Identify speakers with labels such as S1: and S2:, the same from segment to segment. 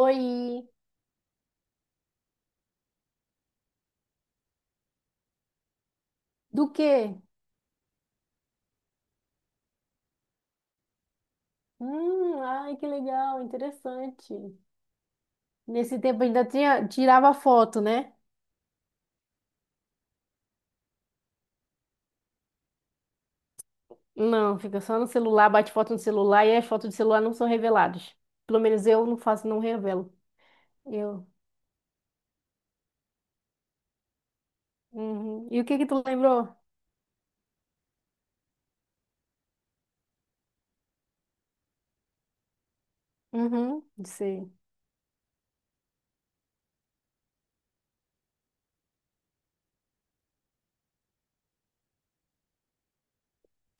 S1: Oi, do quê? Ai, que legal, interessante. Nesse tempo ainda tinha, tirava foto, né? Não, fica só no celular, bate foto no celular e as fotos do celular não são reveladas. Pelo menos eu não faço, não revelo. Eu. Uhum. E o que que tu lembrou? Uhum, sei,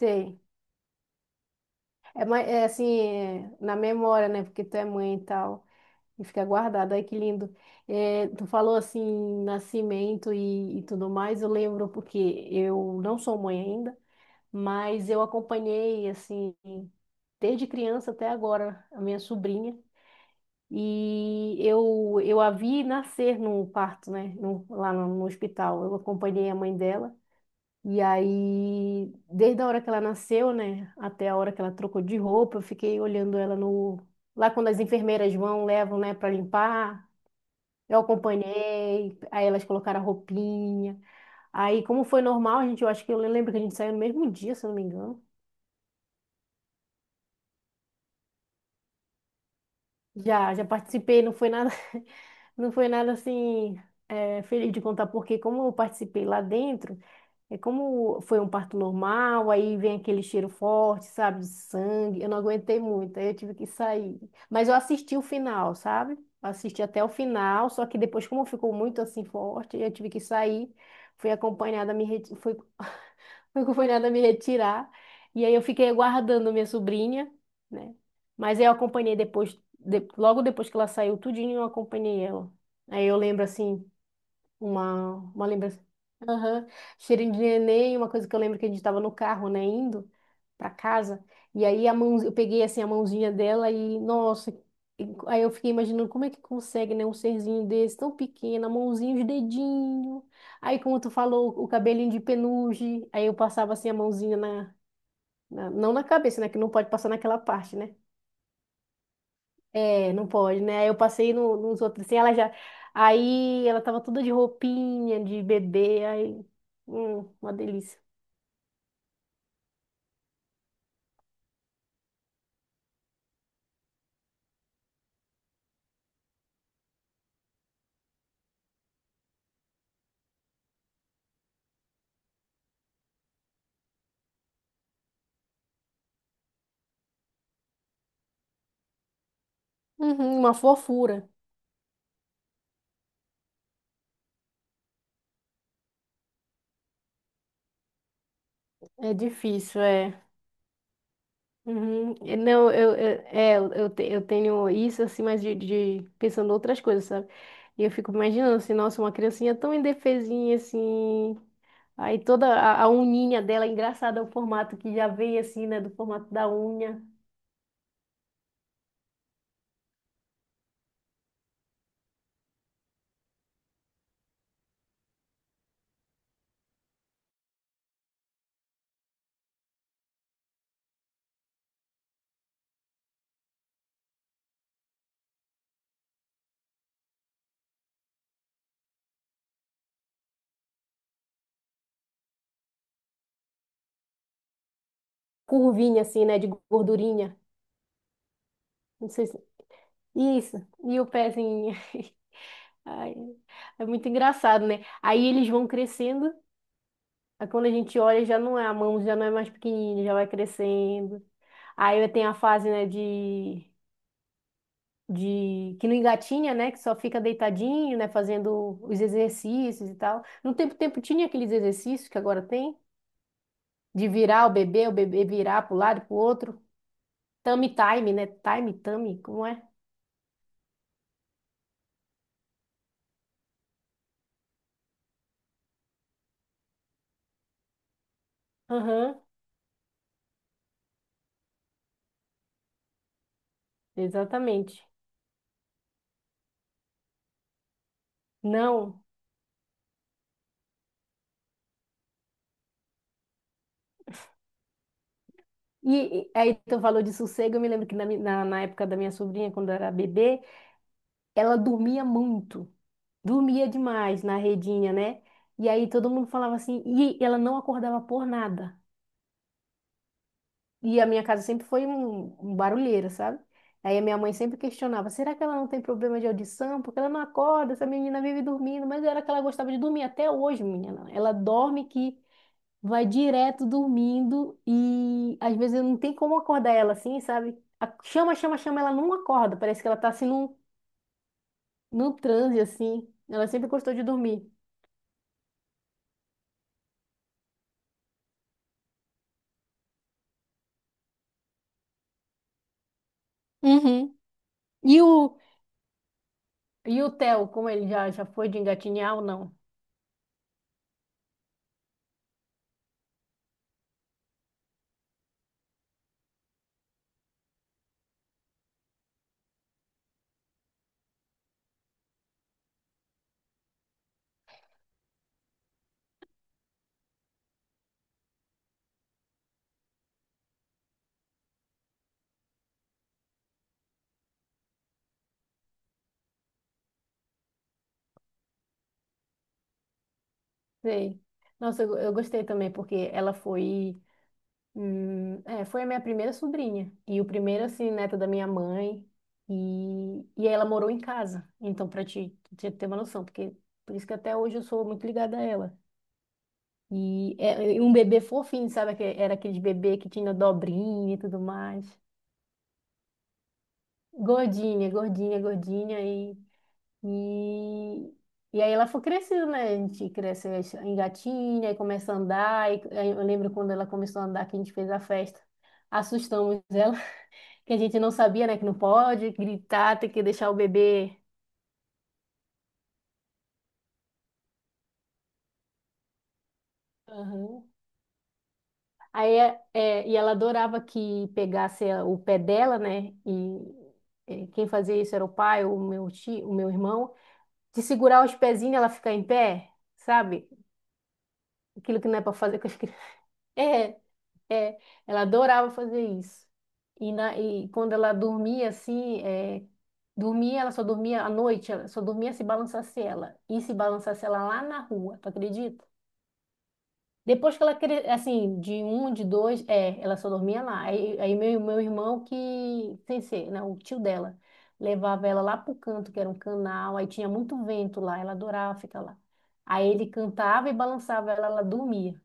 S1: sei. É, assim, é, na memória, né? Porque tu é mãe e tal. E fica guardado. Ai, que lindo. É, tu falou assim, nascimento e tudo mais. Eu lembro porque eu não sou mãe ainda, mas eu acompanhei, assim, desde criança até agora, a minha sobrinha. E eu a vi nascer no parto, né? Lá no hospital. Eu acompanhei a mãe dela. E aí, desde a hora que ela nasceu, né? Até a hora que ela trocou de roupa, eu fiquei olhando ela no. Lá quando as enfermeiras vão, levam, né, para limpar. Eu acompanhei, aí elas colocaram a roupinha. Aí, como foi normal, a gente, eu acho que eu lembro que a gente saiu no mesmo dia, se eu não me engano. Já, já participei, não foi nada, não foi nada assim, é, feliz de contar, porque como eu participei lá dentro, é como foi um parto normal, aí vem aquele cheiro forte, sabe, de sangue. Eu não aguentei muito, aí eu tive que sair. Mas eu assisti o final, sabe? Eu assisti até o final, só que depois, como ficou muito assim forte, eu tive que sair. Fui acompanhada a me reti- fui... Fui acompanhada a me retirar. E aí eu fiquei aguardando minha sobrinha, né? Mas eu acompanhei depois, logo depois que ela saiu tudinho, eu acompanhei ela. Aí eu lembro assim uma lembrança. Aham. Cheirinho de neném, uma coisa que eu lembro que a gente estava no carro, né, indo para casa, e aí eu peguei assim a mãozinha dela e, nossa, aí eu fiquei imaginando como é que consegue, né, um serzinho desse tão pequeno, a mãozinha, os dedinhos, aí como tu falou, o cabelinho de peluche, aí eu passava assim a mãozinha na, não na cabeça, né, que não pode passar naquela parte, né, é, não pode, né? Aí eu passei nos outros assim, ela já. Aí ela tava toda de roupinha, de bebê, aí. Uma delícia. Uhum, uma fofura. É difícil, é. Uhum. E não, eu eu tenho isso assim, mas de pensando outras coisas, sabe? E eu fico imaginando assim, nossa, uma criancinha tão indefesinha assim. Aí toda a uninha dela, engraçada é o formato que já vem assim, né? Do formato da unha. Curvinha assim, né? De gordurinha. Não sei se. Isso, e o pezinho. Ai, é muito engraçado, né? Aí eles vão crescendo. Aí quando a gente olha, já não é a mão, já não é mais pequenininha, já vai crescendo. Aí tem a fase, né, de que não engatinha, né, que só fica deitadinho, né, fazendo os exercícios e tal. No tempo tinha aqueles exercícios que agora tem, de virar o bebê virar para o lado e para o outro. Tummy time, né? Time, tummy, como é? Aham, exatamente. Não. E aí tu falou de sossego, eu me lembro que na época da minha sobrinha, quando era bebê, ela dormia muito, dormia demais na redinha, né? E aí todo mundo falava assim, e ela não acordava por nada. E a minha casa sempre foi um barulheira, sabe? Aí a minha mãe sempre questionava, será que ela não tem problema de audição? Porque ela não acorda, essa menina vive dormindo, mas era que ela gostava de dormir até hoje, menina. Ela dorme que vai direto dormindo e às vezes eu não tem como acordar ela assim, sabe? Chama, chama, chama, ela não acorda. Parece que ela tá assim num transe assim. Ela sempre gostou de dormir. Uhum. E o, e o Theo, como ele já foi de engatinhar ou não? Sei. Nossa, eu gostei também, porque ela foi a minha primeira sobrinha. E o primeiro, assim, neto da minha mãe. E ela morou em casa. Então, pra te ter uma noção, porque por isso que até hoje eu sou muito ligada a ela. E um bebê fofinho, sabe? Era aquele bebê que tinha dobrinha e tudo mais. Gordinha, gordinha, gordinha. E, e aí ela foi crescendo, né? A gente cresce, engatinha, aí começa a andar. E, aí eu lembro quando ela começou a andar que a gente fez a festa. Assustamos ela, que a gente não sabia, né? Que não pode gritar, tem que deixar o bebê. Aí, e ela adorava que pegasse o pé dela, né? E quem fazia isso era o pai, o meu tio, o meu irmão, de segurar os pezinhos e ela ficar em pé, sabe? Aquilo que não é para fazer com as crianças. É, é, ela adorava fazer isso. E quando ela dormia assim, ela só dormia à noite, ela só dormia se balançasse ela. E se balançasse ela lá na rua, tu acredita? Depois que ela assim, de um, de dois, ela só dormia lá. Aí meu irmão que, sem ser, né, o tio dela, levava ela lá pro canto, que era um canal, aí tinha muito vento lá, ela adorava ficar lá. Aí ele cantava e balançava ela, ela dormia.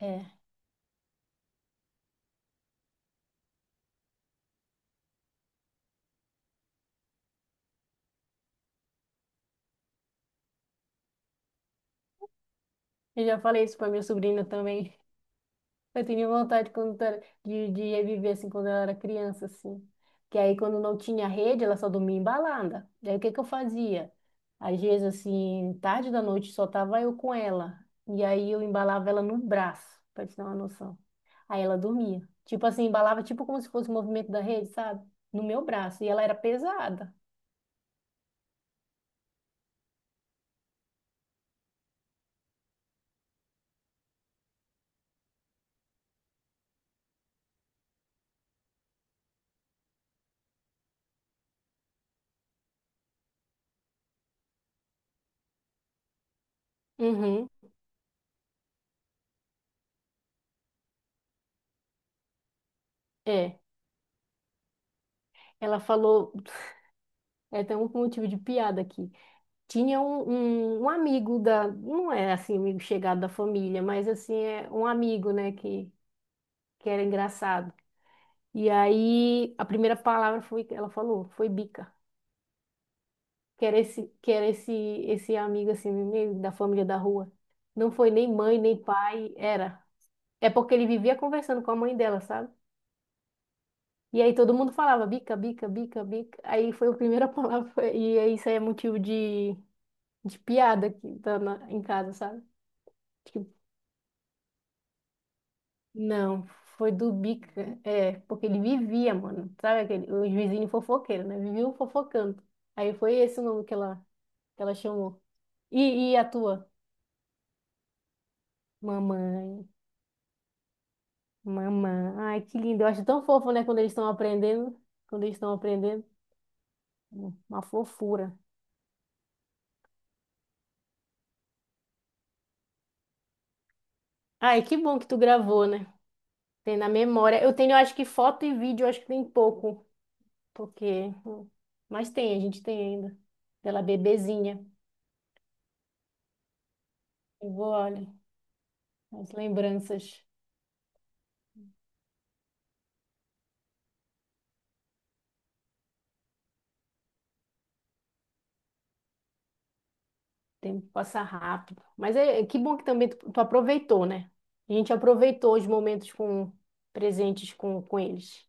S1: É, eu já falei isso pra minha sobrinha também. Eu tinha vontade quando de ir viver assim quando eu era criança, assim. Que aí quando não tinha rede, ela só dormia em balada. Daí o que que eu fazia? Às vezes, assim, tarde da noite só tava eu com ela. E aí eu embalava ela no braço, pra te dar uma noção. Aí ela dormia. Tipo assim, embalava tipo como se fosse o movimento da rede, sabe? No meu braço. E ela era pesada. Uhum. É. Ela falou. É, tem um motivo de piada aqui. Tinha um amigo não é assim, um amigo chegado da família, mas assim, é um amigo, né, que era engraçado. E aí, a primeira palavra foi, ela falou, foi bica. Que era esse, que era esse, esse amigo, assim, meio da família da rua. Não foi nem mãe, nem pai, era. É porque ele vivia conversando com a mãe dela, sabe? E aí todo mundo falava bica, bica, bica, bica. Aí foi a primeira palavra, e aí isso aí é motivo de piada aqui, tá em casa, sabe? Tipo, não, foi do Bica. É, porque ele vivia, mano. Sabe aquele, os vizinhos fofoqueiros, né? Viviam fofocando. Aí foi esse o nome que ela chamou. E a tua? Mamãe, mamãe. Ai, que lindo. Eu acho tão fofo, né? Quando eles estão aprendendo. Quando eles estão aprendendo. Uma fofura. Ai, que bom que tu gravou, né? Tem na memória. Eu tenho, eu acho que foto e vídeo, eu acho que tem pouco. Porque. Mas tem, a gente tem ainda. Pela bebezinha. Eu vou, olha, as lembranças. O tempo passa rápido. Mas é que bom que também tu aproveitou, né? A gente aproveitou os momentos com presentes com eles.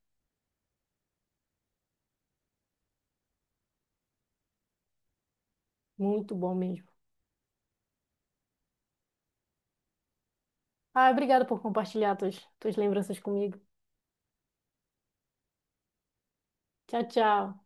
S1: Muito bom mesmo. Ah, obrigada por compartilhar tuas lembranças comigo. Tchau, tchau.